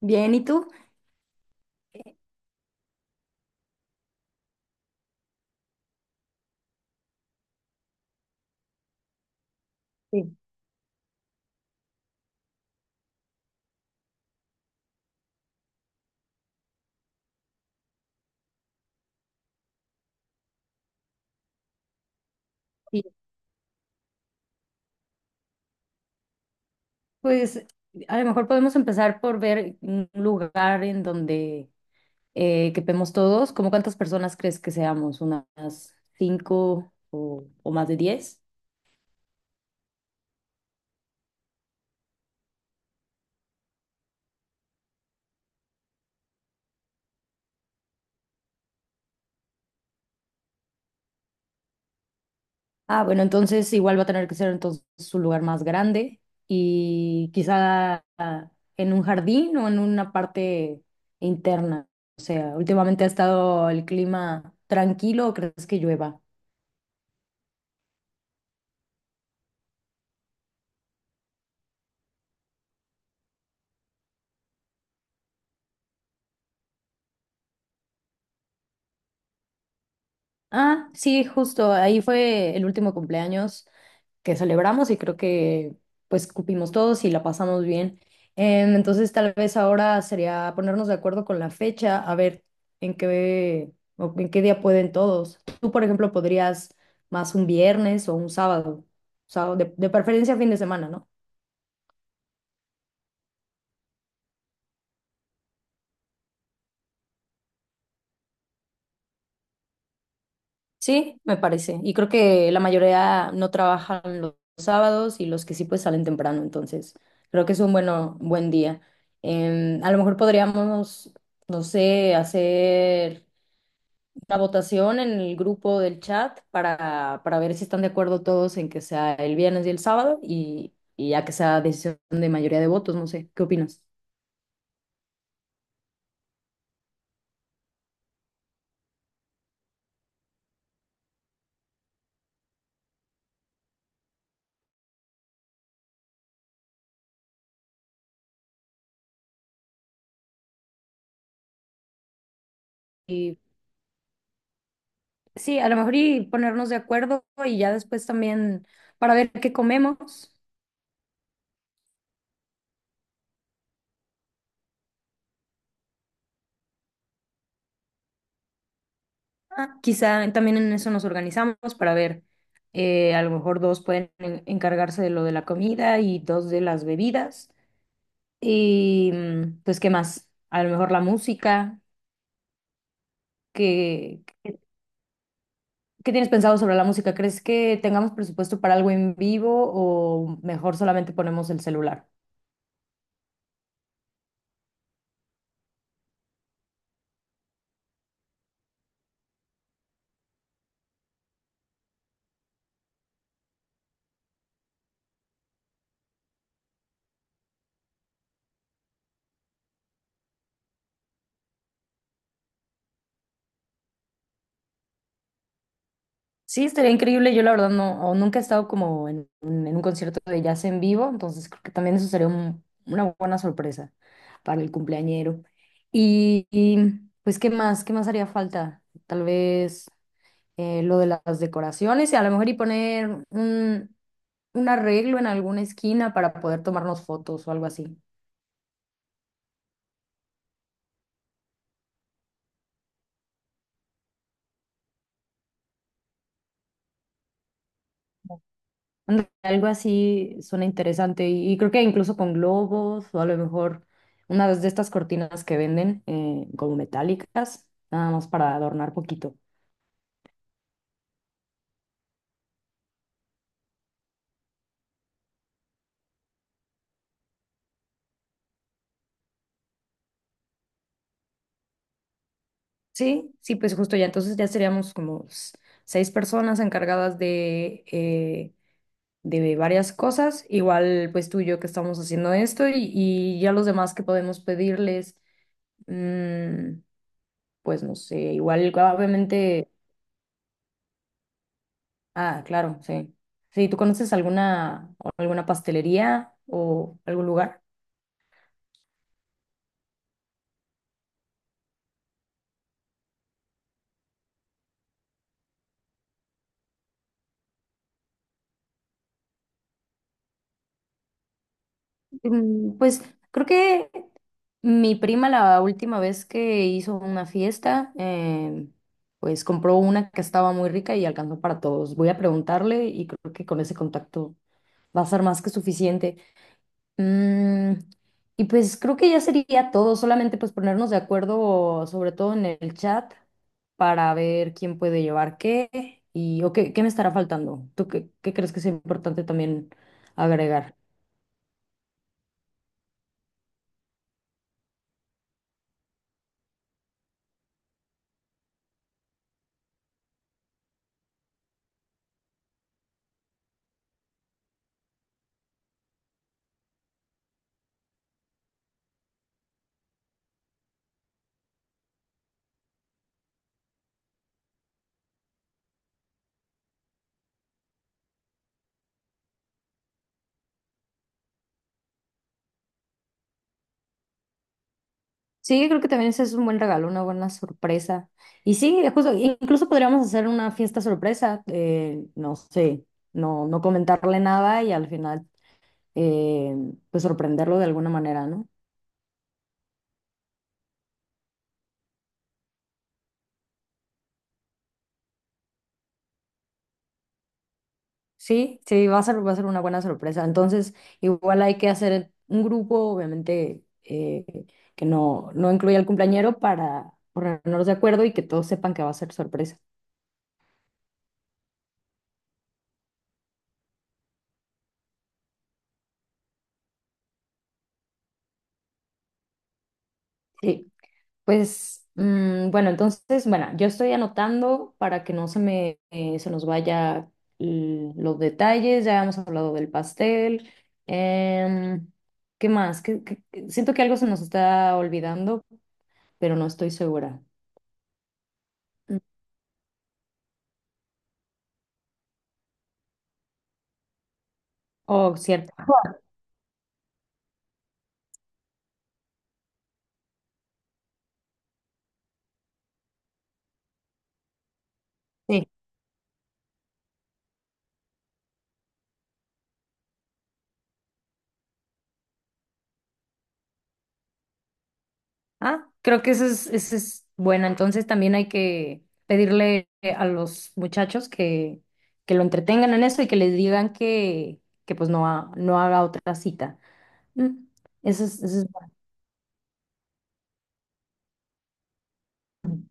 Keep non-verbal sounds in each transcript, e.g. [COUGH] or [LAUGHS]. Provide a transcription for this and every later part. Bien, ¿y tú? Sí. Sí. Pues a lo mejor podemos empezar por ver un lugar en donde quepemos todos. ¿Cómo cuántas personas crees que seamos? ¿Unas cinco o más de diez? Ah, bueno, entonces igual va a tener que ser entonces un lugar más grande y quizá en un jardín o en una parte interna. O sea, últimamente ha estado el clima tranquilo, ¿o crees que llueva? Ah, sí, justo, ahí fue el último cumpleaños que celebramos y creo que pues cupimos todos y la pasamos bien. Entonces tal vez ahora sería ponernos de acuerdo con la fecha, a ver en qué o en qué día pueden todos. Tú, por ejemplo, podrías más un viernes o un sábado, sábado de preferencia fin de semana, ¿no? Sí, me parece. Y creo que la mayoría no trabajan los sábados y los que sí pues salen temprano, entonces creo que es un buen día. A lo mejor podríamos, no sé, hacer una votación en el grupo del chat para ver si están de acuerdo todos en que sea el viernes y el sábado y ya que sea decisión de mayoría de votos, no sé, ¿qué opinas? Y sí, a lo mejor y ponernos de acuerdo y ya después también para ver qué comemos. Ah, quizá también en eso nos organizamos para ver, a lo mejor dos pueden encargarse de lo de la comida y dos de las bebidas. Y mm, pues, ¿qué más? A lo mejor la música. ¿Qué, qué, ¿qué tienes pensado sobre la música? ¿Crees que tengamos presupuesto para algo en vivo o mejor solamente ponemos el celular? Sí, estaría increíble. Yo la verdad no, o nunca he estado como un en un concierto de jazz en vivo, entonces creo que también eso sería una buena sorpresa para el cumpleañero. Pues, ¿qué más? ¿Qué más haría falta? Tal vez lo de las decoraciones y a lo mejor y poner un arreglo en alguna esquina para poder tomarnos fotos o algo así. Anda, algo así suena interesante y creo que incluso con globos o a lo mejor una de estas cortinas que venden como metálicas, nada más para adornar poquito. Sí, sí, pues justo ya, entonces ya seríamos como seis personas encargadas de varias cosas, igual pues tú y yo que estamos haciendo esto y ya los demás que podemos pedirles, mm, pues no sé, igual obviamente... Ah, claro, sí. Sí, ¿tú conoces alguna, o alguna pastelería o algún lugar? Mm, pues creo que mi prima la última vez que hizo una fiesta, pues compró una que estaba muy rica y alcanzó para todos. Voy a preguntarle y creo que con ese contacto va a ser más que suficiente. Mm, y pues creo que ya sería todo, solamente pues ponernos de acuerdo, sobre todo en el chat, para ver quién puede llevar qué y o qué me estará faltando. ¿Tú qué crees que es importante también agregar? Sí, creo que también ese es un buen regalo, una buena sorpresa. Y sí, justo, incluso podríamos hacer una fiesta sorpresa, no sé, no comentarle nada y al final eh, pues sorprenderlo de alguna manera, ¿no? Sí, sí, va a ser una buena sorpresa. Entonces, igual hay que hacer un grupo, obviamente, que no incluya al cumpleañero para ponernos de acuerdo y que todos sepan que va a ser sorpresa. Sí, pues, mm, bueno, entonces, bueno, yo estoy anotando para que no se me, se nos vaya los detalles. Ya hemos hablado del pastel. Em, ¿Qué más? ¿Qué? Siento que algo se nos está olvidando, pero no estoy segura. Mm, oh, cierto. Sí. Ah, creo que eso es bueno. Entonces también hay que pedirle a los muchachos que lo entretengan en eso y que les digan que pues no, no haga otra cita. Mm, eso es bueno.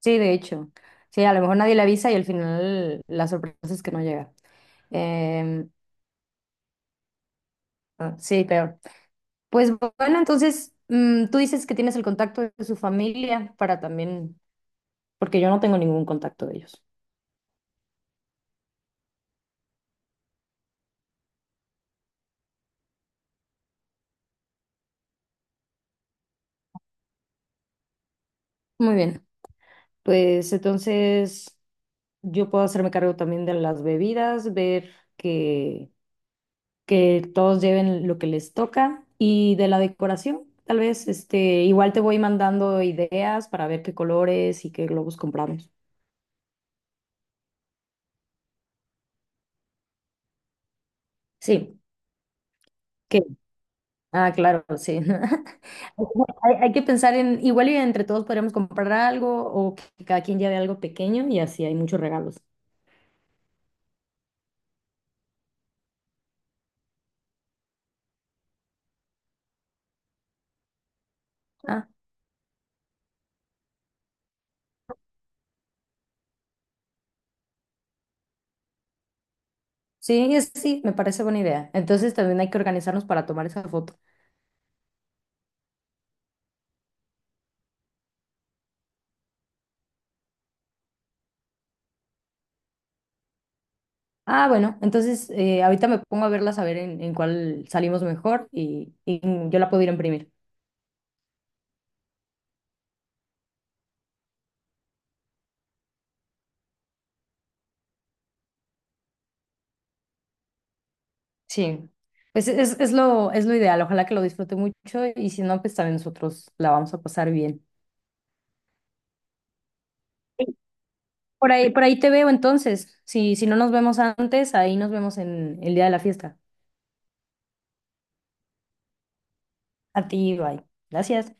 Sí, de hecho. Sí, a lo mejor nadie le avisa y al final la sorpresa es que no llega. Em, ah, sí, peor. Pues bueno, entonces mm, tú dices que tienes el contacto de su familia para también, porque yo no tengo ningún contacto de ellos. Muy bien, pues entonces. Yo puedo hacerme cargo también de las bebidas, ver que todos lleven lo que les toca y de la decoración, tal vez, este, igual te voy mandando ideas para ver qué colores y qué globos compramos. Sí, que, ah, claro, sí. [LAUGHS] Hay que pensar en, igual y entre todos podríamos comprar algo o que cada quien lleve algo pequeño y así hay muchos regalos. Ah, sí, sí, me parece buena idea. Entonces también hay que organizarnos para tomar esa foto. Ah, bueno, entonces ahorita me pongo a verlas a ver en cuál salimos mejor y yo la puedo ir a imprimir. Sí, pues es lo ideal, ojalá que lo disfrute mucho y si no, pues también nosotros la vamos a pasar bien. Por ahí te veo entonces, si no nos vemos antes, ahí nos vemos en el día de la fiesta. A ti, bye. Gracias.